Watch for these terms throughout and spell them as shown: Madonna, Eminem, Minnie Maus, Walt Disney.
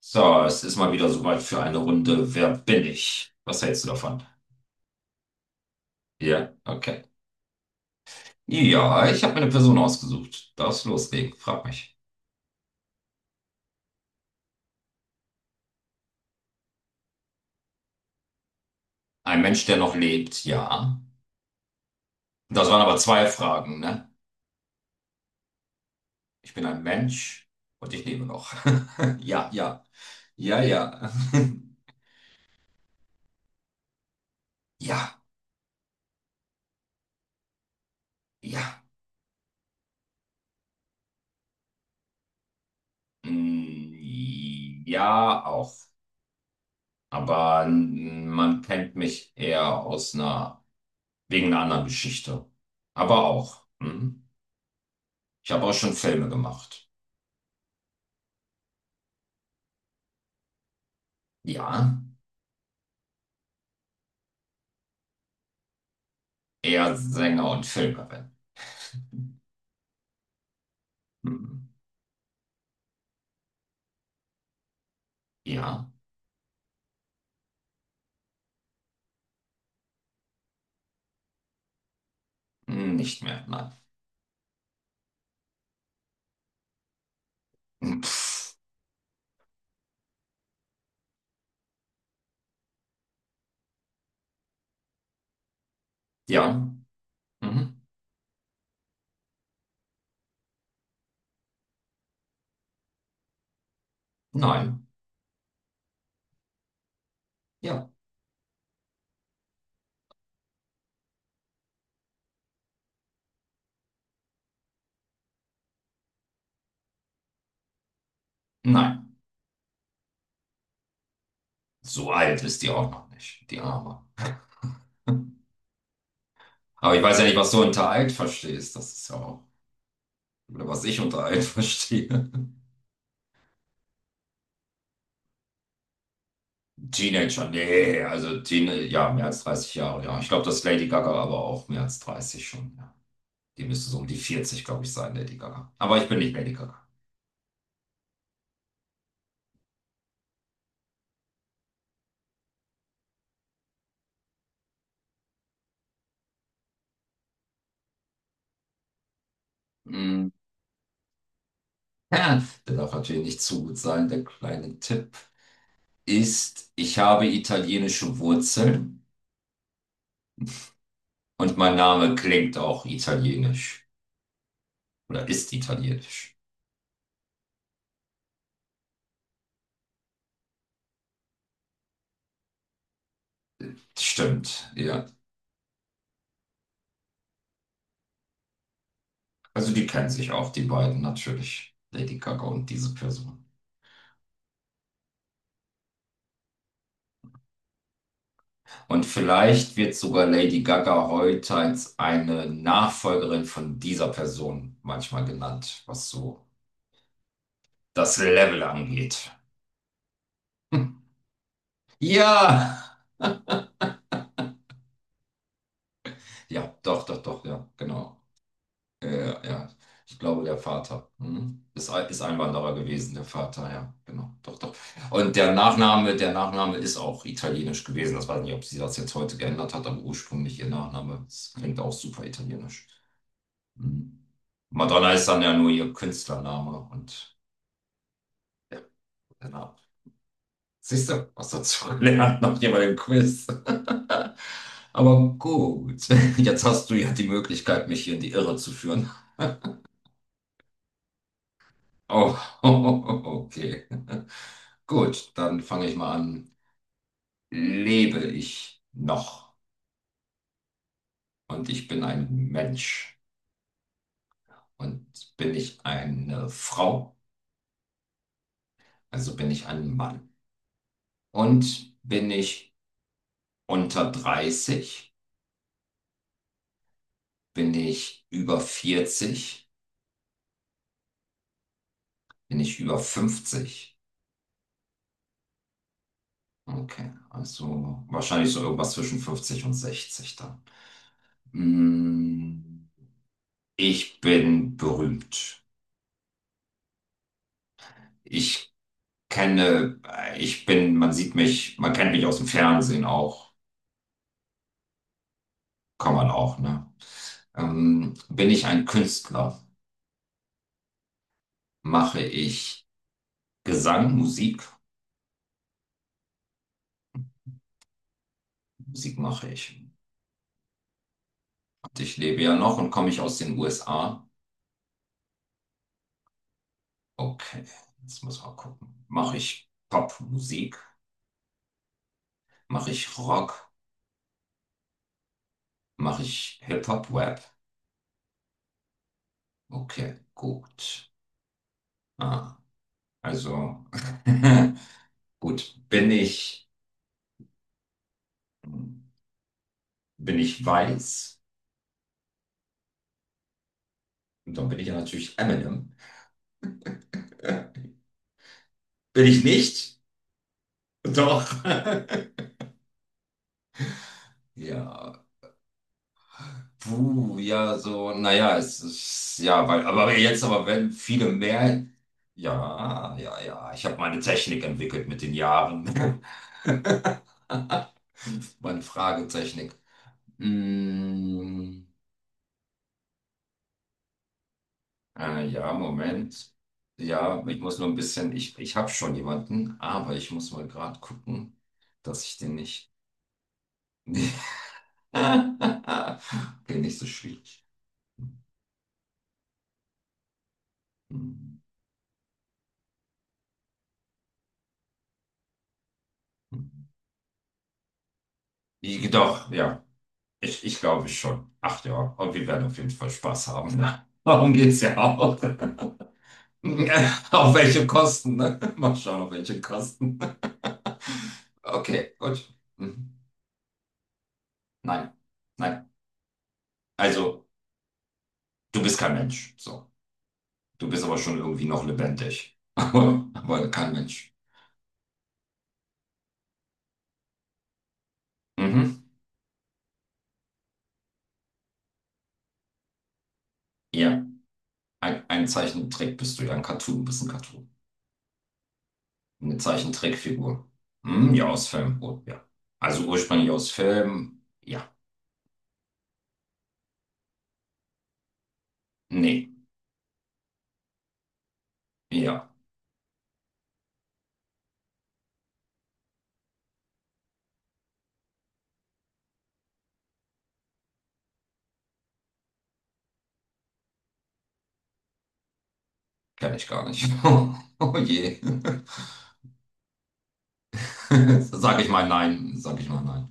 So, es ist mal wieder soweit für eine Runde. Wer bin ich? Was hältst du davon? Ja, okay. Ja, ich habe mir eine Person ausgesucht. Darfst loslegen, frag mich. Ein Mensch, der noch lebt, ja. Das waren aber zwei Fragen, ne? Ich bin ein Mensch und ich lebe noch. Ja, ja. Ja, ja. Ja, ja. Mm, ja, auch. Aber man kennt mich eher aus einer, wegen einer anderen Geschichte. Aber auch. Mhm. Ich habe auch schon Filme gemacht. Ja, eher Sänger und Filmerin. Hm. Ja, nicht mehr, nein. Hm, pff. Ja, mhm. Nein, ja, nein. So alt ist die auch noch nicht, die Arme. Aber ich weiß ja nicht, was du unter alt verstehst. Das ist ja auch, oder was ich unter alt verstehe. Teenager, nee, also Teen, ja, mehr als 30 Jahre, ja. Ich glaube, das ist Lady Gaga aber auch mehr als 30 schon, ja. Die müsste so um die 40, glaube ich, sein, Lady Gaga. Aber ich bin nicht Lady Gaga. Mhm. Ja. Der darf natürlich nicht zu gut sein, der kleine Tipp ist, ich habe italienische Wurzeln und mein Name klingt auch italienisch oder ist italienisch. Stimmt, ja. Also die kennen sich auch, die beiden natürlich, Lady Gaga und diese Person. Und vielleicht wird sogar Lady Gaga heute als eine Nachfolgerin von dieser Person manchmal genannt, was so das Level angeht. Ja, ja, doch, doch, doch, ja, genau. Ja, ja. Ich glaube, der Vater. Mhm. Ist Einwanderer gewesen, der Vater, ja, genau. Doch, doch. Und der Nachname ist auch italienisch gewesen. Das weiß ich nicht, ob sie das jetzt heute geändert hat, aber ursprünglich ihr Nachname. Das klingt auch super italienisch. Mhm. Madonna ist dann ja nur ihr Künstlername und ja, genau. Name. Siehst du, was dazu gelernt nach jeweiligen Quiz. Aber gut, jetzt hast du ja die Möglichkeit, mich hier in die Irre zu führen. Oh, okay. Gut, dann fange ich mal an. Lebe ich noch? Und ich bin ein Mensch. Und bin ich eine Frau? Also bin ich ein Mann. Und bin ich unter 30? Bin ich über 40? Bin ich über 50? Okay, also wahrscheinlich so irgendwas zwischen 50 und 60 dann. Mm, Ich bin berühmt. Ich kenne, ich bin, Man sieht mich, man kennt mich aus dem Fernsehen auch, kann man auch, ne? Bin ich ein Künstler? Mache ich Gesang, Musik? Musik mache ich. Und ich lebe ja noch und komme ich aus den USA. Okay, jetzt muss man gucken. Mache ich Popmusik? Mache ich Rock? Mache ich Hip-Hop-Rap? Okay, gut. Ah, also, gut. Bin ich weiß? Und dann bin ich ja natürlich Eminem. Bin ich nicht? Doch. Ja. Puh, ja, so, naja, es ist, ja, weil, aber jetzt aber, wenn viele mehr, ja, ja, ja, ich habe meine Technik entwickelt mit den Jahren. Meine Fragetechnik. Mm, ja, Moment. Ja, ich muss nur ein bisschen, ich habe schon jemanden, aber ich muss mal gerade gucken, dass ich den nicht. Okay, nicht so schwierig. Hm, hm. Doch, ja. Ich glaube schon. Ach ja, und wir werden auf jeden Fall Spaß haben. Ne? Darum geht's ja auch. Auf welche Kosten, ne? Mal schauen, auf welche Kosten. Okay, gut. Mhm. Nein, nein. Also, du bist kein Mensch. So. Du bist aber schon irgendwie noch lebendig. Aber kein Mensch. Mhm. Ja, ein Zeichentrick bist du ja. Ein Cartoon, bist ein Cartoon. Eine Zeichentrickfigur. Hm, ja, aus Film. Oh, ja. Also ursprünglich aus Film. Ja. Nee. Ja. Kenne ich gar nicht. Oh je. Sag ich mal nein. Sag ich mal nein.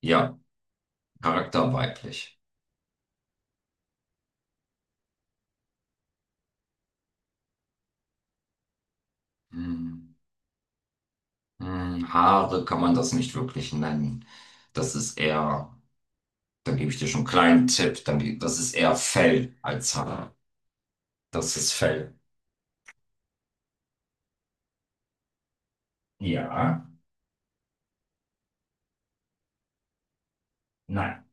Ja. Charakter weiblich. Hm. Haare kann man das nicht wirklich nennen. Das ist eher, da gebe ich dir schon einen kleinen Tipp. Dann, das ist eher Fell als Haare. Das ist Fell. Ja. Nein.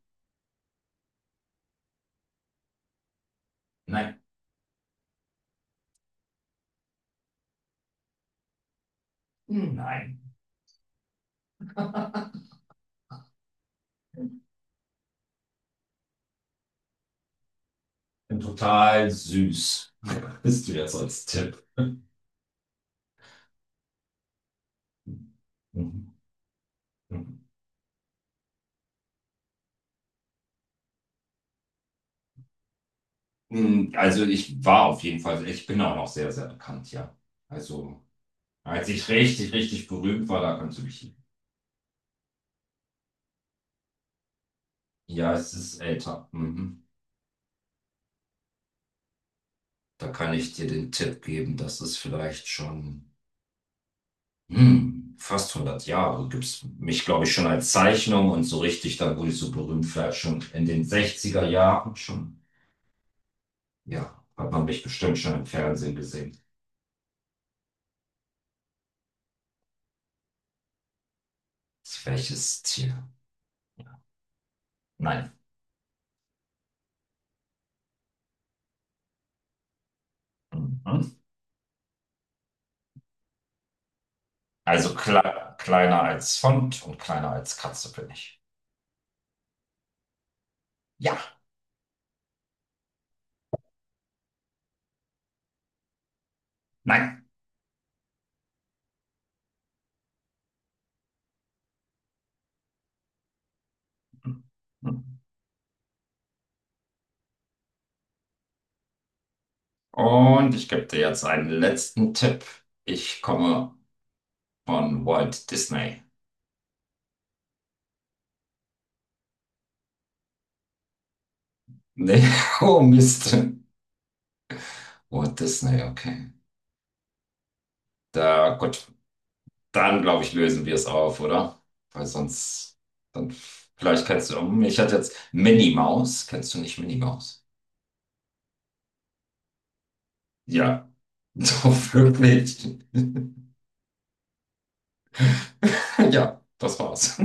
Nein. Hm, nein. Bin total süß. Bist du jetzt als Tipp? Mhm. Mhm. Also ich war auf jeden Fall, ich bin auch noch sehr, sehr bekannt, ja. Also als ich richtig, richtig berühmt war, da kannst du mich. Ja, es ist älter. Mhm. Da kann ich dir den Tipp geben, dass es vielleicht schon fast 100 Jahre gibt's mich, glaube ich, schon als Zeichnung und so richtig, dann wurde ich so berühmt, vielleicht schon in den 60er Jahren schon. Ja, hat man mich bestimmt schon im Fernsehen gesehen. Welches Tier? Nein. Mhm. Also kleiner als Font und kleiner als Katze bin ich. Ja, nein. Mhm. Und ich gebe dir jetzt einen letzten Tipp. Ich komme von Walt Disney. Nee, oh Mist. Walt Disney, okay. Da, gut, dann glaube ich, lösen wir es auf, oder? Weil sonst, dann, vielleicht kennst du, um, ich hatte jetzt Minnie Maus. Kennst du nicht Minnie Maus? Ja, so wirklich. Ja, das war's.